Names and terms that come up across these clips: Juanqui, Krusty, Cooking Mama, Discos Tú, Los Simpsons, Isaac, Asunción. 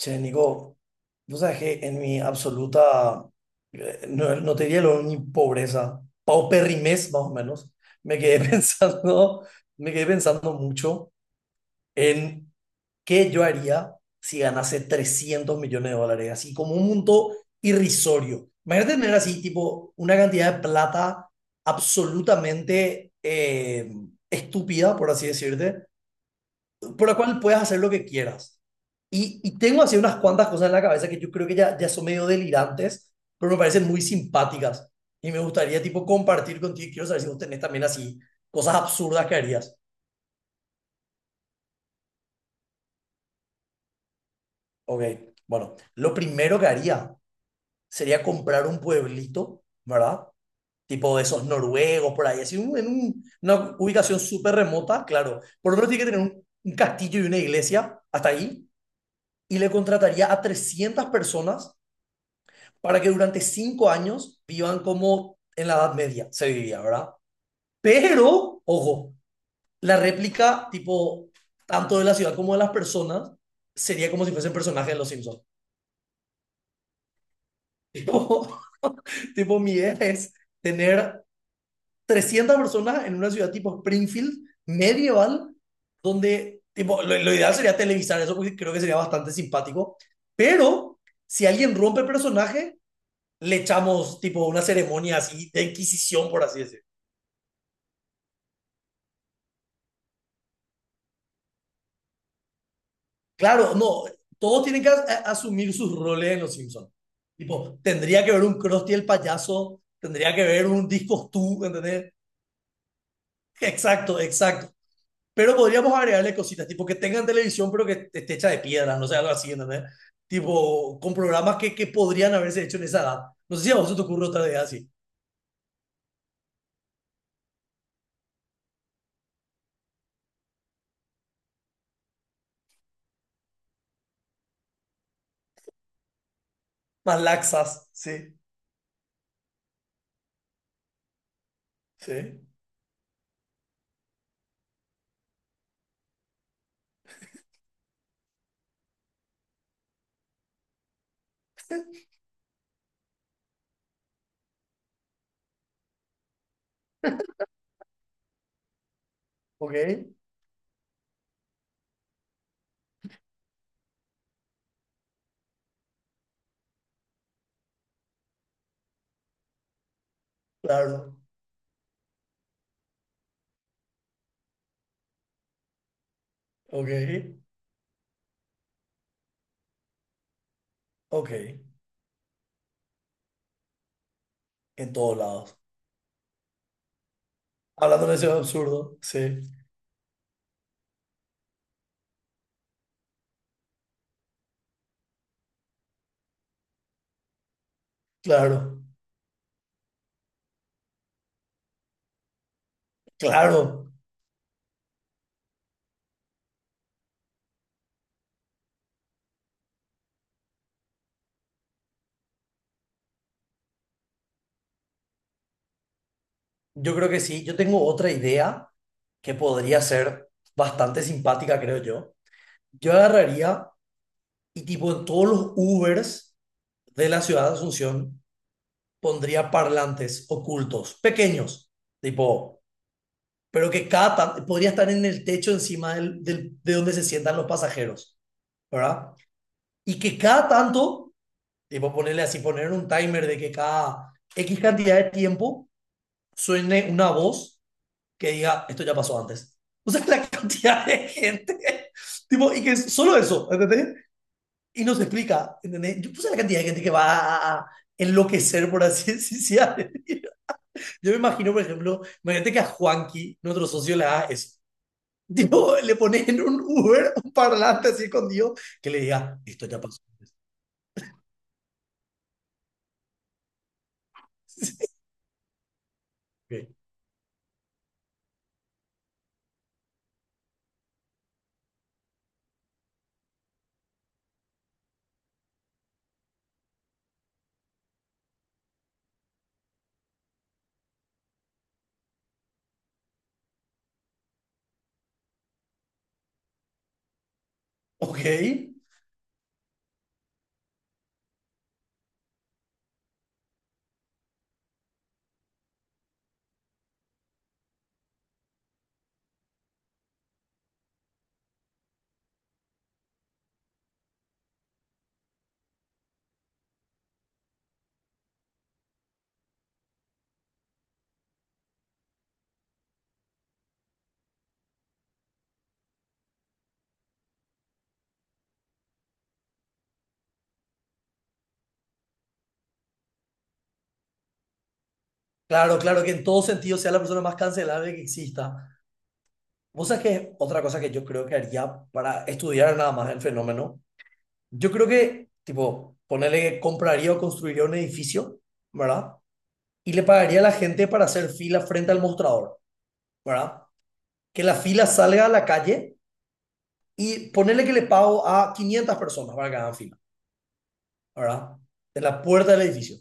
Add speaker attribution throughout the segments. Speaker 1: Che, Nico, vos sabés que en mi absoluta, no, no te diría ni pobreza, pauperrimez más o menos, me quedé pensando, me quedé pensando mucho en qué yo haría si ganase 300 millones de dólares, así como un monto irrisorio. Imagínate tener así, tipo, una cantidad de plata absolutamente estúpida, por así decirte, por la cual puedes hacer lo que quieras. Y tengo así unas cuantas cosas en la cabeza que yo creo que ya, ya son medio delirantes, pero me parecen muy simpáticas. Y me gustaría, tipo, compartir contigo. Quiero saber si vos tenés también así cosas absurdas que harías. Ok, bueno, lo primero que haría sería comprar un pueblito, ¿verdad? Tipo de esos noruegos por ahí, así una ubicación súper remota, claro. Por otro, tiene que tener un castillo y una iglesia hasta ahí. Y le contrataría a 300 personas para que durante 5 años vivan como en la Edad Media se vivía, ¿verdad? Pero, ojo, la réplica, tipo, tanto de la ciudad como de las personas, sería como si fuesen personajes de Los Simpsons. Tipo, tipo, mi idea es tener 300 personas en una ciudad tipo Springfield, medieval, donde, tipo, lo ideal sería televisar eso porque creo que sería bastante simpático, pero si alguien rompe el personaje, le echamos tipo una ceremonia así de inquisición, por así decir. Claro, no, todos tienen que asumir sus roles en Los Simpsons. Tipo, tendría que ver un Krusty el payaso, tendría que ver un Discos Tú, ¿entendés? Exacto, exacto. Pero podríamos agregarle cositas, tipo que tengan televisión, pero que esté hecha de piedra, no sé, algo así, ¿entendés? Tipo, con programas que podrían haberse hecho en esa edad. No sé si a vos se te ocurre otra idea así. Más laxas, sí, sí. Ok, claro, ok, ok. En todos lados. Hablando de ese absurdo, sí, claro, claro. Yo creo que sí. Yo tengo otra idea que podría ser bastante simpática, creo yo. Yo agarraría y tipo en todos los Ubers de la ciudad de Asunción pondría parlantes ocultos, pequeños, tipo, pero que cada tan- podría estar en el techo encima de donde se sientan los pasajeros, ¿verdad? Y que cada tanto, tipo, ponerle así, poner un timer de que cada X cantidad de tiempo suene una voz que diga, esto ya pasó antes. O sea, la cantidad de gente, tipo, y que es solo eso, ¿entendés? Y nos explica, ¿entendés? Yo puse la cantidad de gente que va a enloquecer, por así decirlo. Yo me imagino, por ejemplo, imagínate que a Juanqui, nuestro socio, le haga eso. Tipo, le pones en un Uber un parlante así escondido que le diga, esto ya pasó. Ok, ok, claro, claro, que en todo sentido sea la persona más cancelable que exista. Vos sabés que otra cosa que yo creo que haría para estudiar nada más el fenómeno, yo creo que, tipo, ponerle que compraría o construiría un edificio, ¿verdad? Y le pagaría a la gente para hacer fila frente al mostrador, ¿verdad? Que la fila salga a la calle y ponerle que le pago a 500 personas para que hagan fila, ¿verdad? De la puerta del edificio.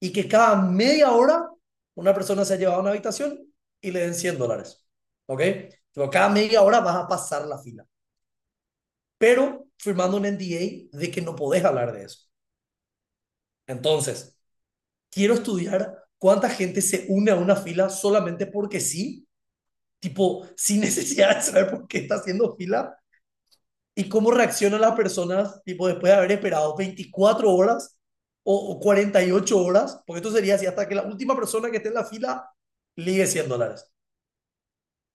Speaker 1: Y que cada media hora una persona sea llevada a una habitación y le den 100 dólares. ¿Ok? Pero cada media hora vas a pasar la fila, pero firmando un NDA de que no podés hablar de eso. Entonces, quiero estudiar cuánta gente se une a una fila solamente porque sí, tipo, sin necesidad de saber por qué está haciendo fila y cómo reaccionan las personas, tipo, después de haber esperado 24 horas o 48 horas, porque esto sería así hasta que la última persona que esté en la fila ligue 100 dólares.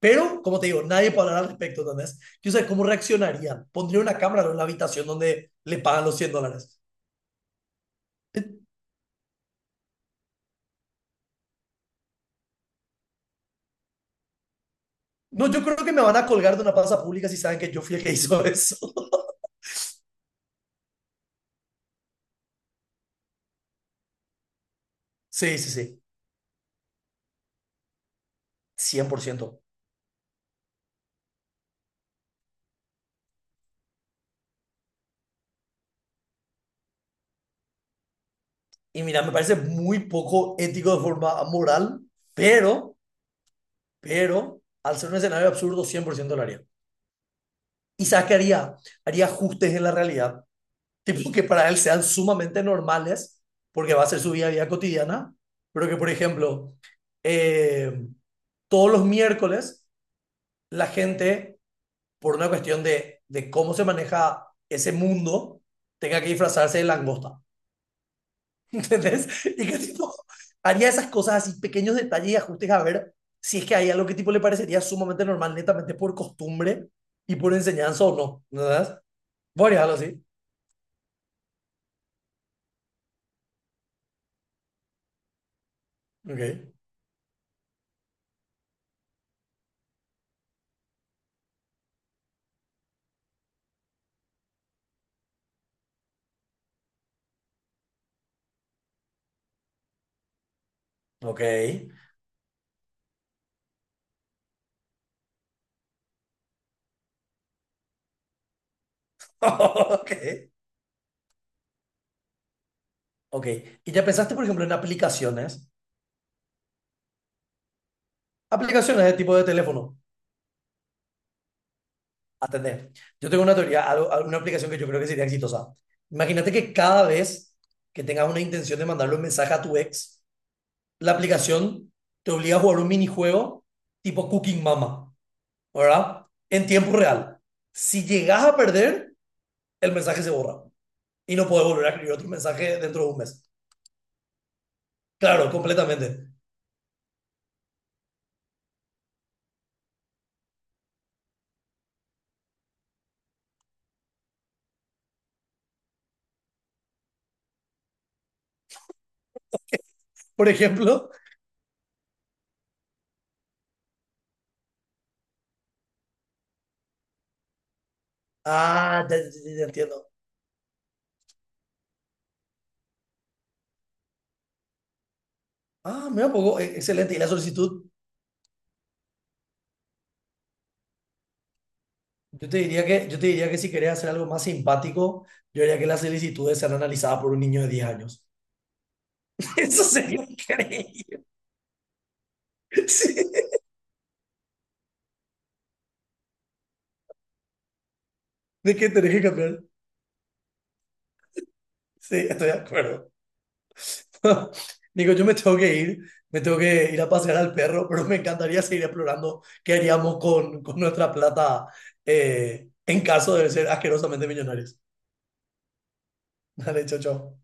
Speaker 1: Pero, como te digo, nadie puede hablar al respecto, ¿entendés? Yo sé cómo reaccionarían. Pondría una cámara en la habitación donde le pagan los 100 dólares. Eh, No, yo creo que me van a colgar de una plaza pública si saben que yo fui el que hizo eso. Sí, sí, sí, 100%. Y mira, me parece muy poco ético de forma moral, pero al ser un escenario absurdo, 100% lo haría. Isaac haría ajustes en la realidad, tipo que para él sean sumamente normales, porque va a ser su vida a cotidiana, pero que, por ejemplo, eh, todos los miércoles la gente, por una cuestión de cómo se maneja ese mundo, tenga que disfrazarse de langosta. ¿Entendés? Y que tipo haría esas cosas así, pequeños detalles y ajustes a ver si es que hay algo que tipo le parecería sumamente normal, netamente por costumbre y por enseñanza o no, ¿verdad? Voy a dejarlo así. Ok. Ok. Ok. Ok. ¿Y ya pensaste, por ejemplo, en aplicaciones? Aplicaciones de tipo de teléfono. Atender. Yo tengo una teoría, algo- una aplicación que yo creo que sería exitosa. Imagínate que cada vez que tengas una intención de mandarle un mensaje a tu ex, la aplicación te obliga a jugar un minijuego tipo Cooking Mama, ¿verdad? En tiempo real. Si llegas a perder, el mensaje se borra y no puedes volver a escribir otro mensaje dentro de un mes. Claro, completamente. Por ejemplo, ah, ya, ya entiendo. Ah, mira, un poco, e- excelente. Y la solicitud, yo te diría que si querés hacer algo más simpático, yo diría que las solicitudes sean analizadas por un niño de 10 años. Eso sería increíble. Sí. ¿De qué tenés que cambiar? Sí, estoy de acuerdo. Nico, yo me tengo que ir, me tengo que ir a pasear al perro, pero me encantaría seguir explorando qué haríamos con nuestra plata en caso de ser asquerosamente millonarios. Dale, chao, chao.